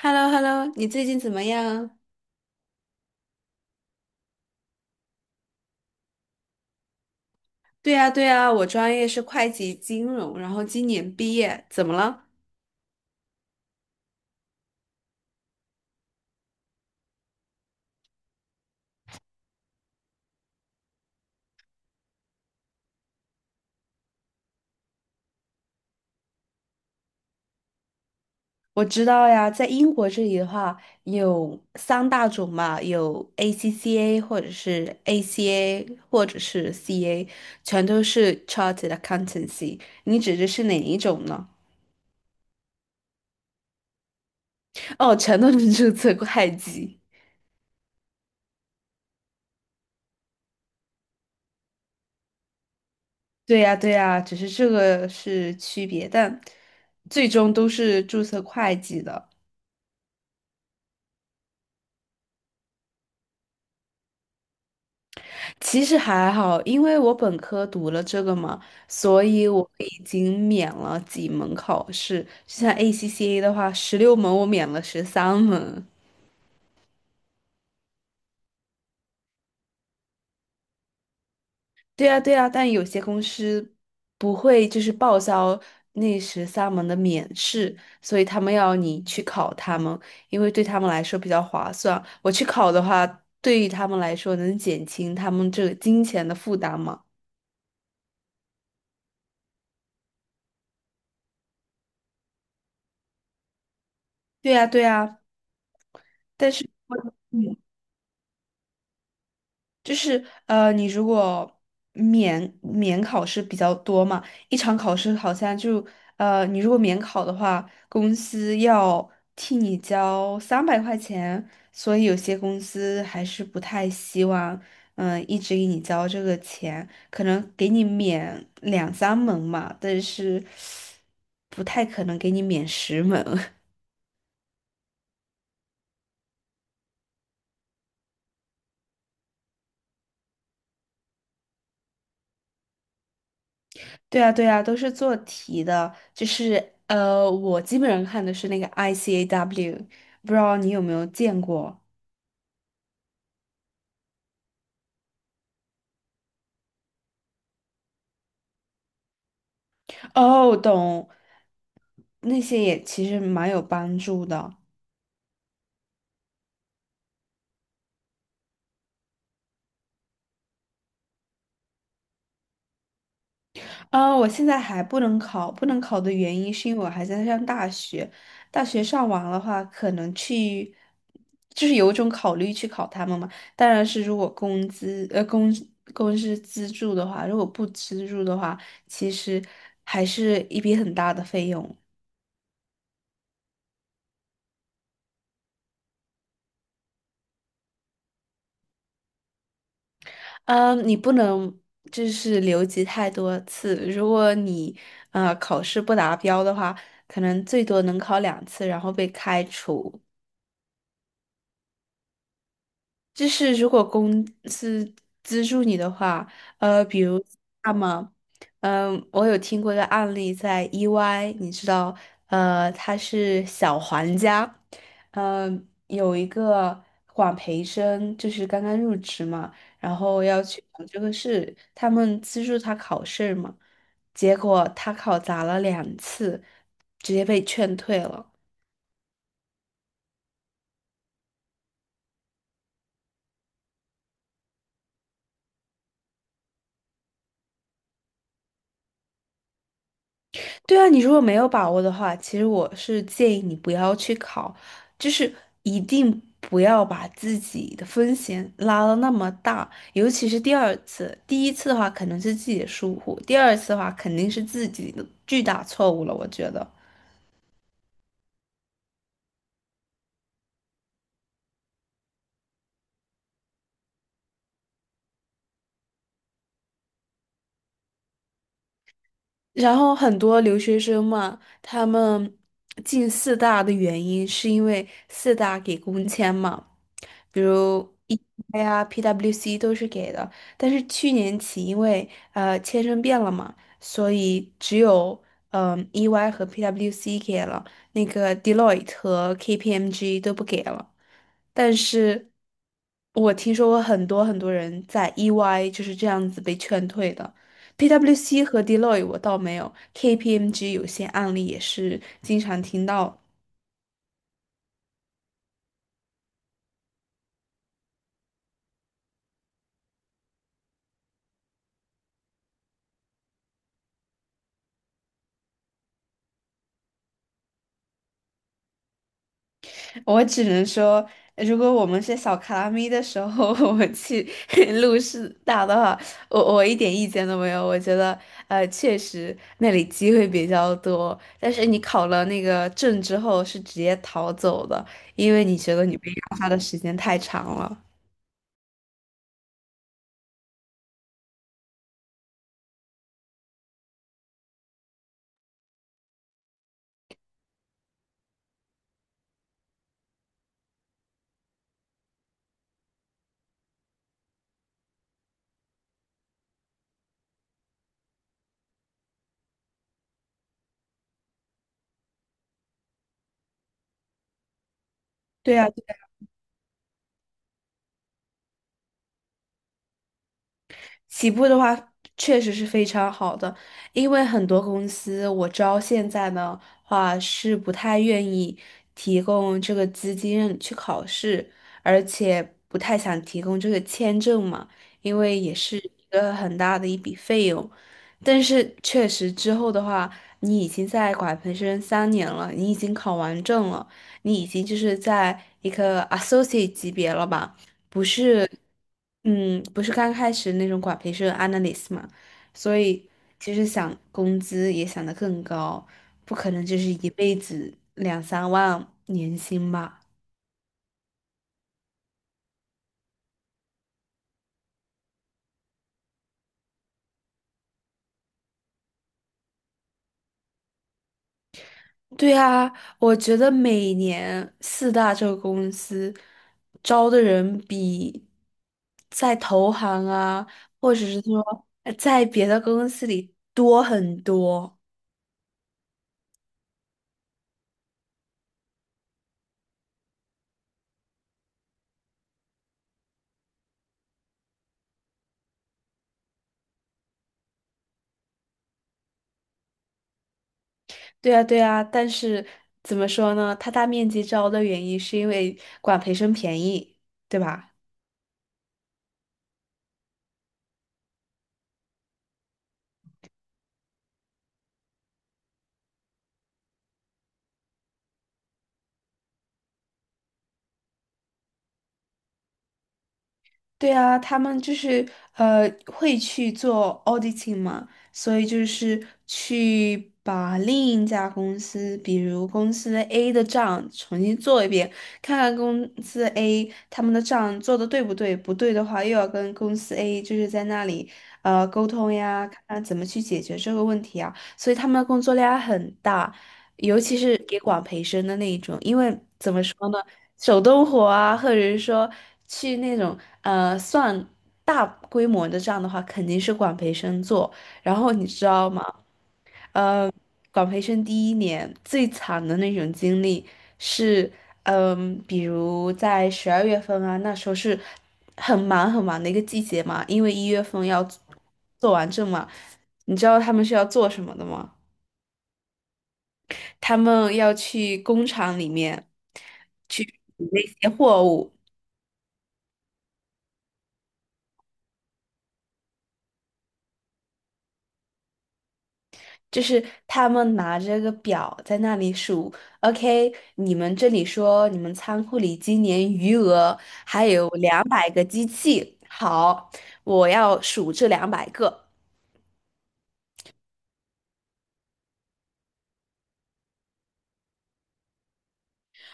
h e l l o h e l l o 你最近怎么样？对呀，对呀，我专业是会计金融，然后今年毕业，怎么了？我知道呀，在英国这里的话，有三大种嘛，有 ACCA 或者是 ACA 或者是 CA，全都是 Chartered Accountancy。你指的是哪一种呢？哦，全都是注册会计。对呀，对呀，只是这个是区别，但最终都是注册会计的。其实还好，因为我本科读了这个嘛，所以我已经免了几门考试。就像 ACCA 的话，16门我免了十三门。对呀，对呀，但有些公司不会就是报销那十三门的免试，所以他们要你去考他们，因为对他们来说比较划算。我去考的话，对于他们来说能减轻他们这个金钱的负担嘛。对呀，对呀，但是。嗯。就是你如果免考试比较多嘛，一场考试好像就你如果免考的话，公司要替你交300块钱，所以有些公司还是不太希望一直给你交这个钱，可能给你免两三门嘛，但是不太可能给你免10门。对啊，对啊，都是做题的，就是我基本上看的是那个 ICAW，不知道你有没有见过？哦，懂，那些也其实蛮有帮助的。啊，我现在还不能考，不能考的原因是因为我还在上大学。大学上完的话，可能去，就是有一种考虑去考他们嘛。当然是如果工资，公司资助的话，如果不资助的话，其实还是一笔很大的费用。嗯，你不能就是留级太多次。如果你考试不达标的话，可能最多能考两次，然后被开除。就是如果公司资助你的话，比如那么，我有听过一个案例，在 EY，你知道，他是小黄家，有一个管培生，就是刚刚入职嘛，然后要去考这个试，他们资助他考试嘛，结果他考砸了两次，直接被劝退了。对啊，你如果没有把握的话，其实我是建议你不要去考，就是一定不要把自己的风险拉到那么大，尤其是第二次，第一次的话可能是自己的疏忽，第二次的话肯定是自己的巨大错误了，我觉得。然后很多留学生嘛，他们进四大的原因是因为四大给工签嘛，比如 EY 呀、PWC 都是给的。但是去年起，因为签证变了嘛，所以只有EY 和 PWC 给了，那个 Deloitte 和 KPMG 都不给了。但是我听说过很多很多人在 EY 就是这样子被劝退的。PwC 和 Deloitte 我倒没有，KPMG 有些案例也是经常听到。我只能说，如果我们是小卡拉咪的时候，我们去 录视大的话，我一点意见都没有。我觉得，确实那里机会比较多，但是你考了那个证之后是直接逃走的，因为你觉得你被压榨的时间太长了。对啊，起步的话确实是非常好的，因为很多公司我知道现在的话是不太愿意提供这个资金让你去考试，而且不太想提供这个签证嘛，因为也是一个很大的一笔费用。但是确实之后的话，你已经在管培生3年了，你已经考完证了，你已经就是在一个 associate 级别了吧，不是。嗯，不是刚开始那种管培是 analyst 嘛，所以其实想工资也想得更高，不可能就是一辈子两三万年薪吧。对啊，我觉得每年四大这个公司招的人比在投行啊，或者是说在别的公司里多很多。对啊，对啊，但是怎么说呢？它大面积招的原因是因为管培生便宜，对吧？对啊，他们就是会去做 auditing 嘛，所以就是去把另一家公司，比如公司 A 的账重新做一遍，看看公司 A 他们的账做的对不对，不对的话又要跟公司 A 就是在那里沟通呀，看看怎么去解决这个问题啊，所以他们的工作量很大，尤其是给管培生的那一种，因为怎么说呢？手动活啊，或者是说去那种算大规模的这样的话，肯定是管培生做。然后你知道吗？呃，管培生第一年最惨的那种经历是，比如在12月份啊，那时候是很忙很忙的一个季节嘛，因为1月份要做完证嘛。你知道他们是要做什么的吗？他们要去工厂里面去取那些货物。就是他们拿着个表在那里数，OK，你们这里说你们仓库里今年余额还有两百个机器，好，我要数这两百个。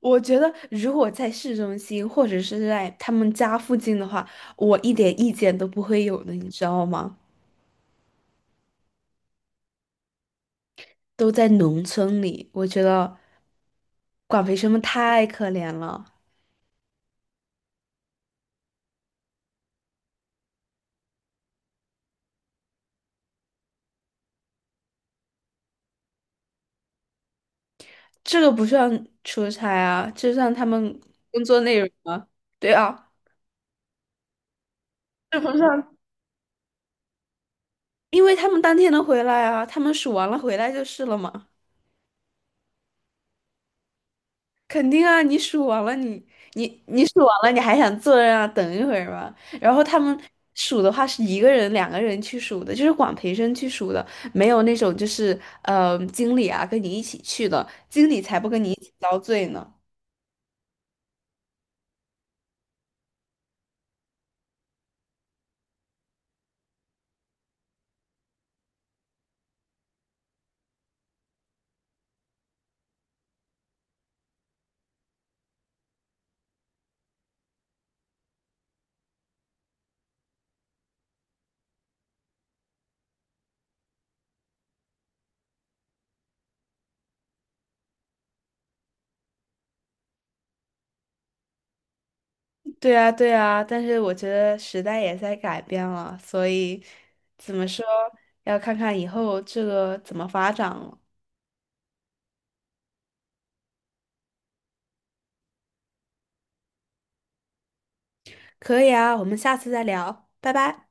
我觉得如果在市中心或者是在他们家附近的话，我一点意见都不会有的，你知道吗？都在农村里，我觉得管培生们太可怜了。这个不算出差啊，这算他们工作内容啊。对啊。是不是 因为他们当天能回来啊，他们数完了回来就是了嘛。肯定啊，你数完了你，你数完了，你还想坐在那啊？等一会儿吗？然后他们数的话是一个人、两个人去数的，就是管培生去数的，没有那种就是经理啊跟你一起去的，经理才不跟你一起遭罪呢。对啊，对啊，但是我觉得时代也在改变了，所以怎么说，要看看以后这个怎么发展了。可以啊，我们下次再聊，拜拜。